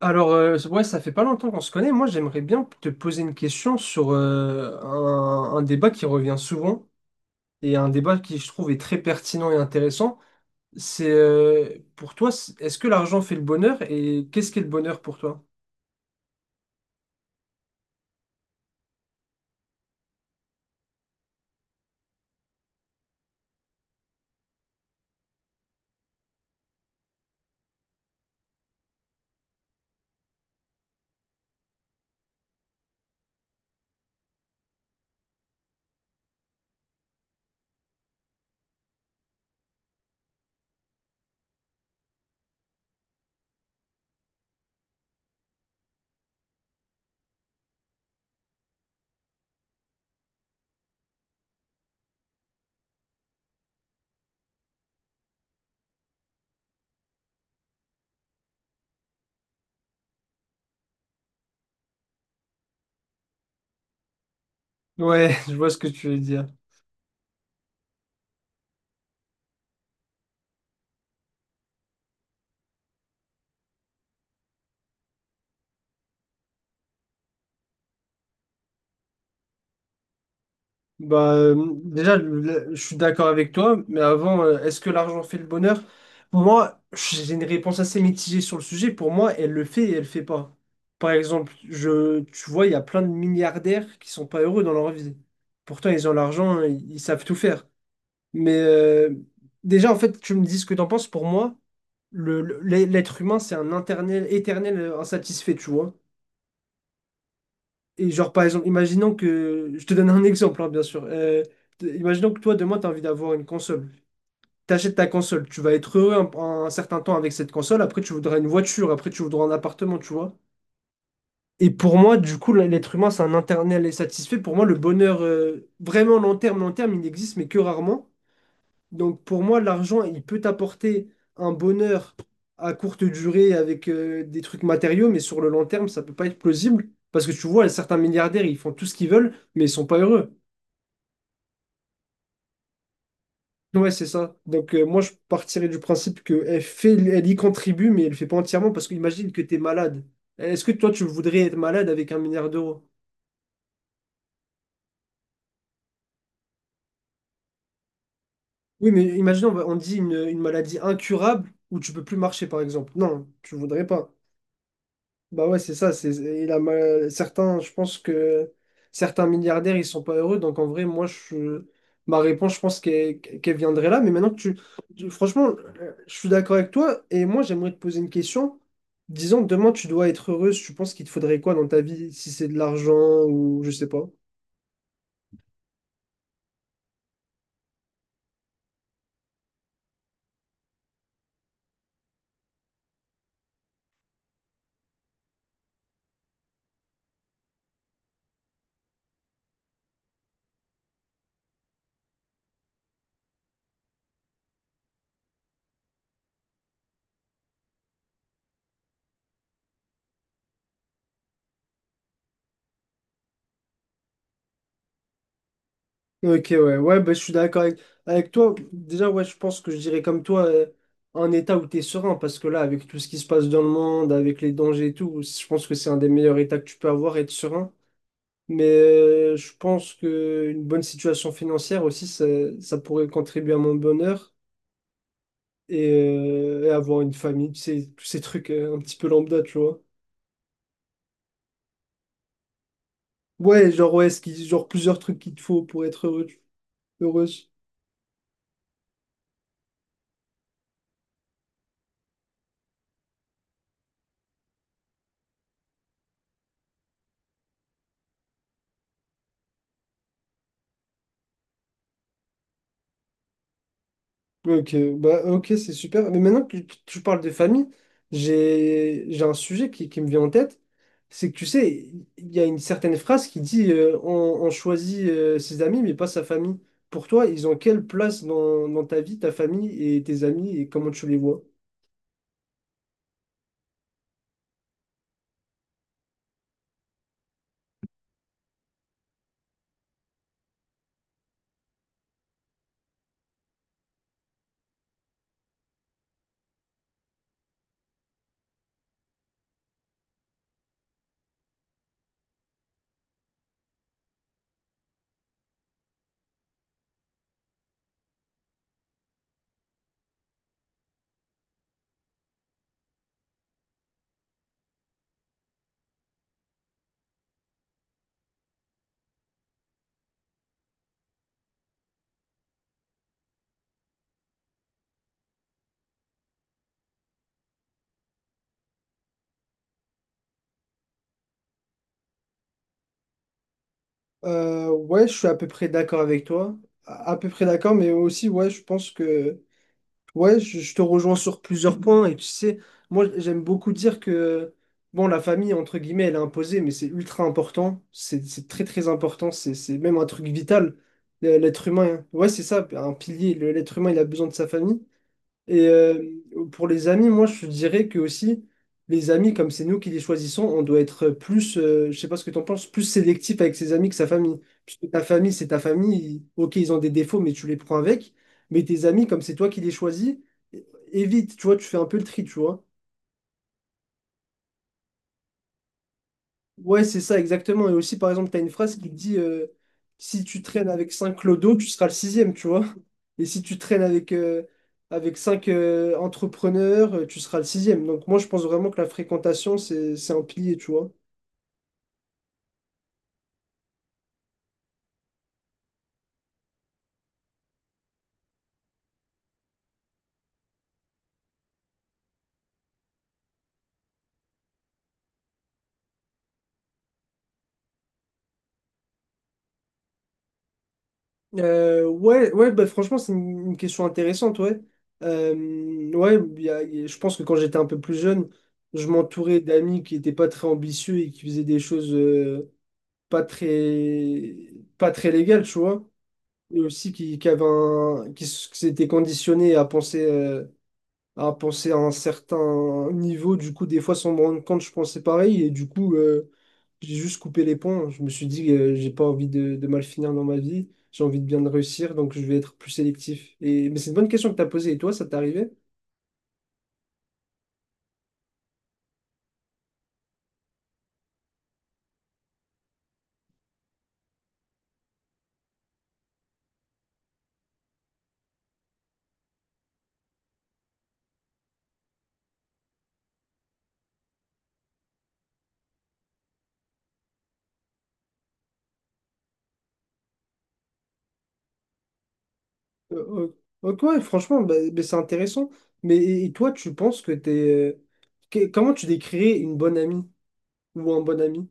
Alors, ouais, ça fait pas longtemps qu'on se connaît. Moi, j'aimerais bien te poser une question sur un débat qui revient souvent et un débat qui, je trouve, est très pertinent et intéressant. C'est pour toi, est-ce que l'argent fait le bonheur et qu'est-ce qu'est le bonheur pour toi? Ouais, je vois ce que tu veux dire. Bah, déjà, je suis d'accord avec toi, mais avant, est-ce que l'argent fait le bonheur? Pour moi, j'ai une réponse assez mitigée sur le sujet. Pour moi, elle le fait et elle le fait pas. Par exemple, tu vois, il y a plein de milliardaires qui sont pas heureux dans leur vie. Pourtant, ils ont l'argent, ils savent tout faire. Mais déjà, en fait, tu me dis ce que t'en penses. Pour moi, le, le- l'être humain, c'est un éternel insatisfait, tu vois. Et genre, par exemple, imaginons que... Je te donne un exemple, hein, bien sûr. Imaginons que toi, demain, tu as envie d'avoir une console. T'achètes ta console. Tu vas être heureux un certain temps avec cette console. Après, tu voudras une voiture. Après, tu voudras un appartement, tu vois. Et pour moi, du coup, l'être humain, c'est un internel et satisfait. Pour moi, le bonheur, vraiment long terme, il n'existe, mais que rarement. Donc pour moi, l'argent, il peut t'apporter un bonheur à courte durée avec des trucs matériaux, mais sur le long terme, ça peut pas être plausible. Parce que tu vois, certains milliardaires, ils font tout ce qu'ils veulent, mais ils sont pas heureux. Ouais, c'est ça. Donc moi, je partirais du principe qu'elle fait, elle y contribue, mais elle fait pas entièrement, parce qu'imagine que tu es malade. Est-ce que toi, tu voudrais être malade avec un milliard d'euros? Oui, mais imagine, on dit une maladie incurable où tu peux plus marcher, par exemple. Non, tu voudrais pas. Bah ouais, c'est ça. Certains, je pense que certains milliardaires, ils sont pas heureux. Donc en vrai, ma réponse, je pense qu'elle viendrait là. Mais maintenant que tu- franchement, je suis d'accord avec toi. Et moi, j'aimerais te poser une question. Disons, demain, tu dois être heureuse. Tu penses qu'il te faudrait quoi dans ta vie? Si c'est de l'argent ou je sais pas. Ok, ouais, ouais, bah, je suis d'accord avec toi. Déjà, ouais, je pense que je dirais comme toi, un état où t'es serein, parce que là, avec tout ce qui se passe dans le monde, avec les dangers et tout, je pense que c'est un des meilleurs états que tu peux avoir, être serein. Mais je pense que une bonne situation financière aussi, ça pourrait contribuer à mon bonheur et avoir une famille, tu sais, tous ces trucs un petit peu lambda, tu vois. Ouais, genre, ouais, genre plusieurs trucs qu'il te faut pour être heureux, heureuse. Ouais, ok, bah, ok, c'est super. Mais maintenant que tu parles de famille, j'ai un sujet qui me vient en tête. C'est que tu sais, il y a une certaine phrase qui dit on choisit ses amis, mais pas sa famille. Pour toi, ils ont quelle place dans ta vie, ta famille et tes amis et comment tu les vois? Ouais, je suis à peu près d'accord avec toi. À peu près d'accord, mais aussi, ouais, je pense que. Ouais, je te rejoins sur plusieurs points. Et tu sais, moi, j'aime beaucoup dire que, bon, la famille, entre guillemets, elle est imposée, mais c'est ultra important. C'est très, très important. C'est même un truc vital, l'être humain, hein. Ouais, c'est ça, un pilier. L'être humain, il a besoin de sa famille. Et pour les amis, moi, je dirais que aussi, les amis, comme c'est nous qui les choisissons, on doit être plus, je sais pas ce que tu en penses, plus sélectif avec ses amis que sa famille. Puisque ta famille, c'est ta famille. Ok, ils ont des défauts, mais tu les prends avec. Mais tes amis, comme c'est toi qui les choisis, é- évite, tu vois, tu fais un peu le tri, tu vois. Ouais, c'est ça, exactement. Et aussi, par exemple, tu as une phrase qui dit si tu traînes avec 5 clodos, tu seras le sixième, tu vois. Et si tu traînes avec, avec 5 entrepreneurs, tu seras le sixième. Donc, moi, je pense vraiment que la fréquentation, c'est un pilier, tu vois. Ouais, ouais bah, franchement, c'est une question intéressante, ouais. Euh, ouais, je pense que quand j'étais un peu plus jeune, je m'entourais d'amis qui n'étaient pas très ambitieux et qui faisaient des choses pas très, pas très légales, tu vois. Et aussi qui avait qui s'était conditionné à penser à penser à un certain niveau. Du coup, des fois, sans me rendre compte, je pensais pareil. Et du coup, j'ai juste coupé les ponts. Je me suis dit, j'ai pas envie de mal finir dans ma vie. J'ai envie de bien réussir, donc je vais être plus sélectif. Et... Mais c'est une bonne question que tu as posée. Et toi, ça t'est arrivé? Euh, ok, ouais, franchement, bah, bah, c'est intéressant. Mais et toi, tu penses que t'es... comment tu décrirais une bonne amie ou un bon ami?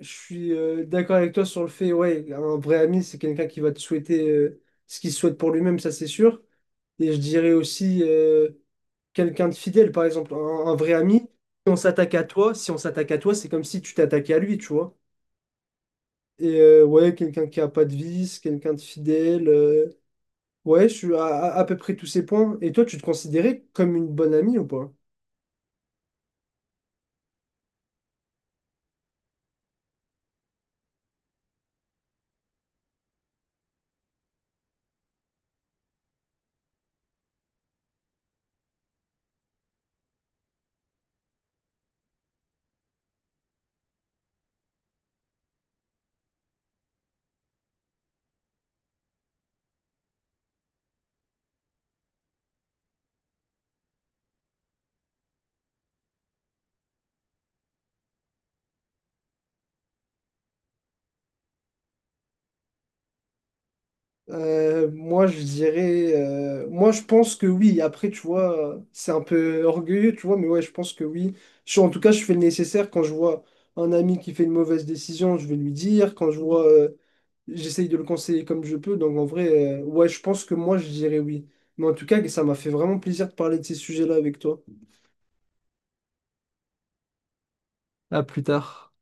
Je suis d'accord avec toi sur le fait, ouais, un vrai ami, c'est quelqu'un qui va te souhaiter ce qu'il souhaite pour lui-même, ça c'est sûr. Et je dirais aussi quelqu'un de fidèle, par exemple, un vrai ami. Si on s'attaque à toi, Si on s'attaque à toi, c'est comme si tu t'attaquais à lui, tu vois. Et ouais, quelqu'un qui a pas de vice, quelqu'un de fidèle. Ouais, je suis à peu près tous ces points. Et toi, tu te considérais comme une bonne amie ou pas? Moi, je dirais, moi, je pense que oui. Après, tu vois, c'est un peu orgueilleux, tu vois, mais ouais, je pense que oui. En tout cas, je fais le nécessaire. Quand je vois un ami qui fait une mauvaise décision, je vais lui dire. Quand je vois, j'essaye de le conseiller comme je peux. Donc, en vrai, ouais, je pense que moi, je dirais oui. Mais en tout cas, ça m'a fait vraiment plaisir de parler de ces sujets-là avec toi. À plus tard.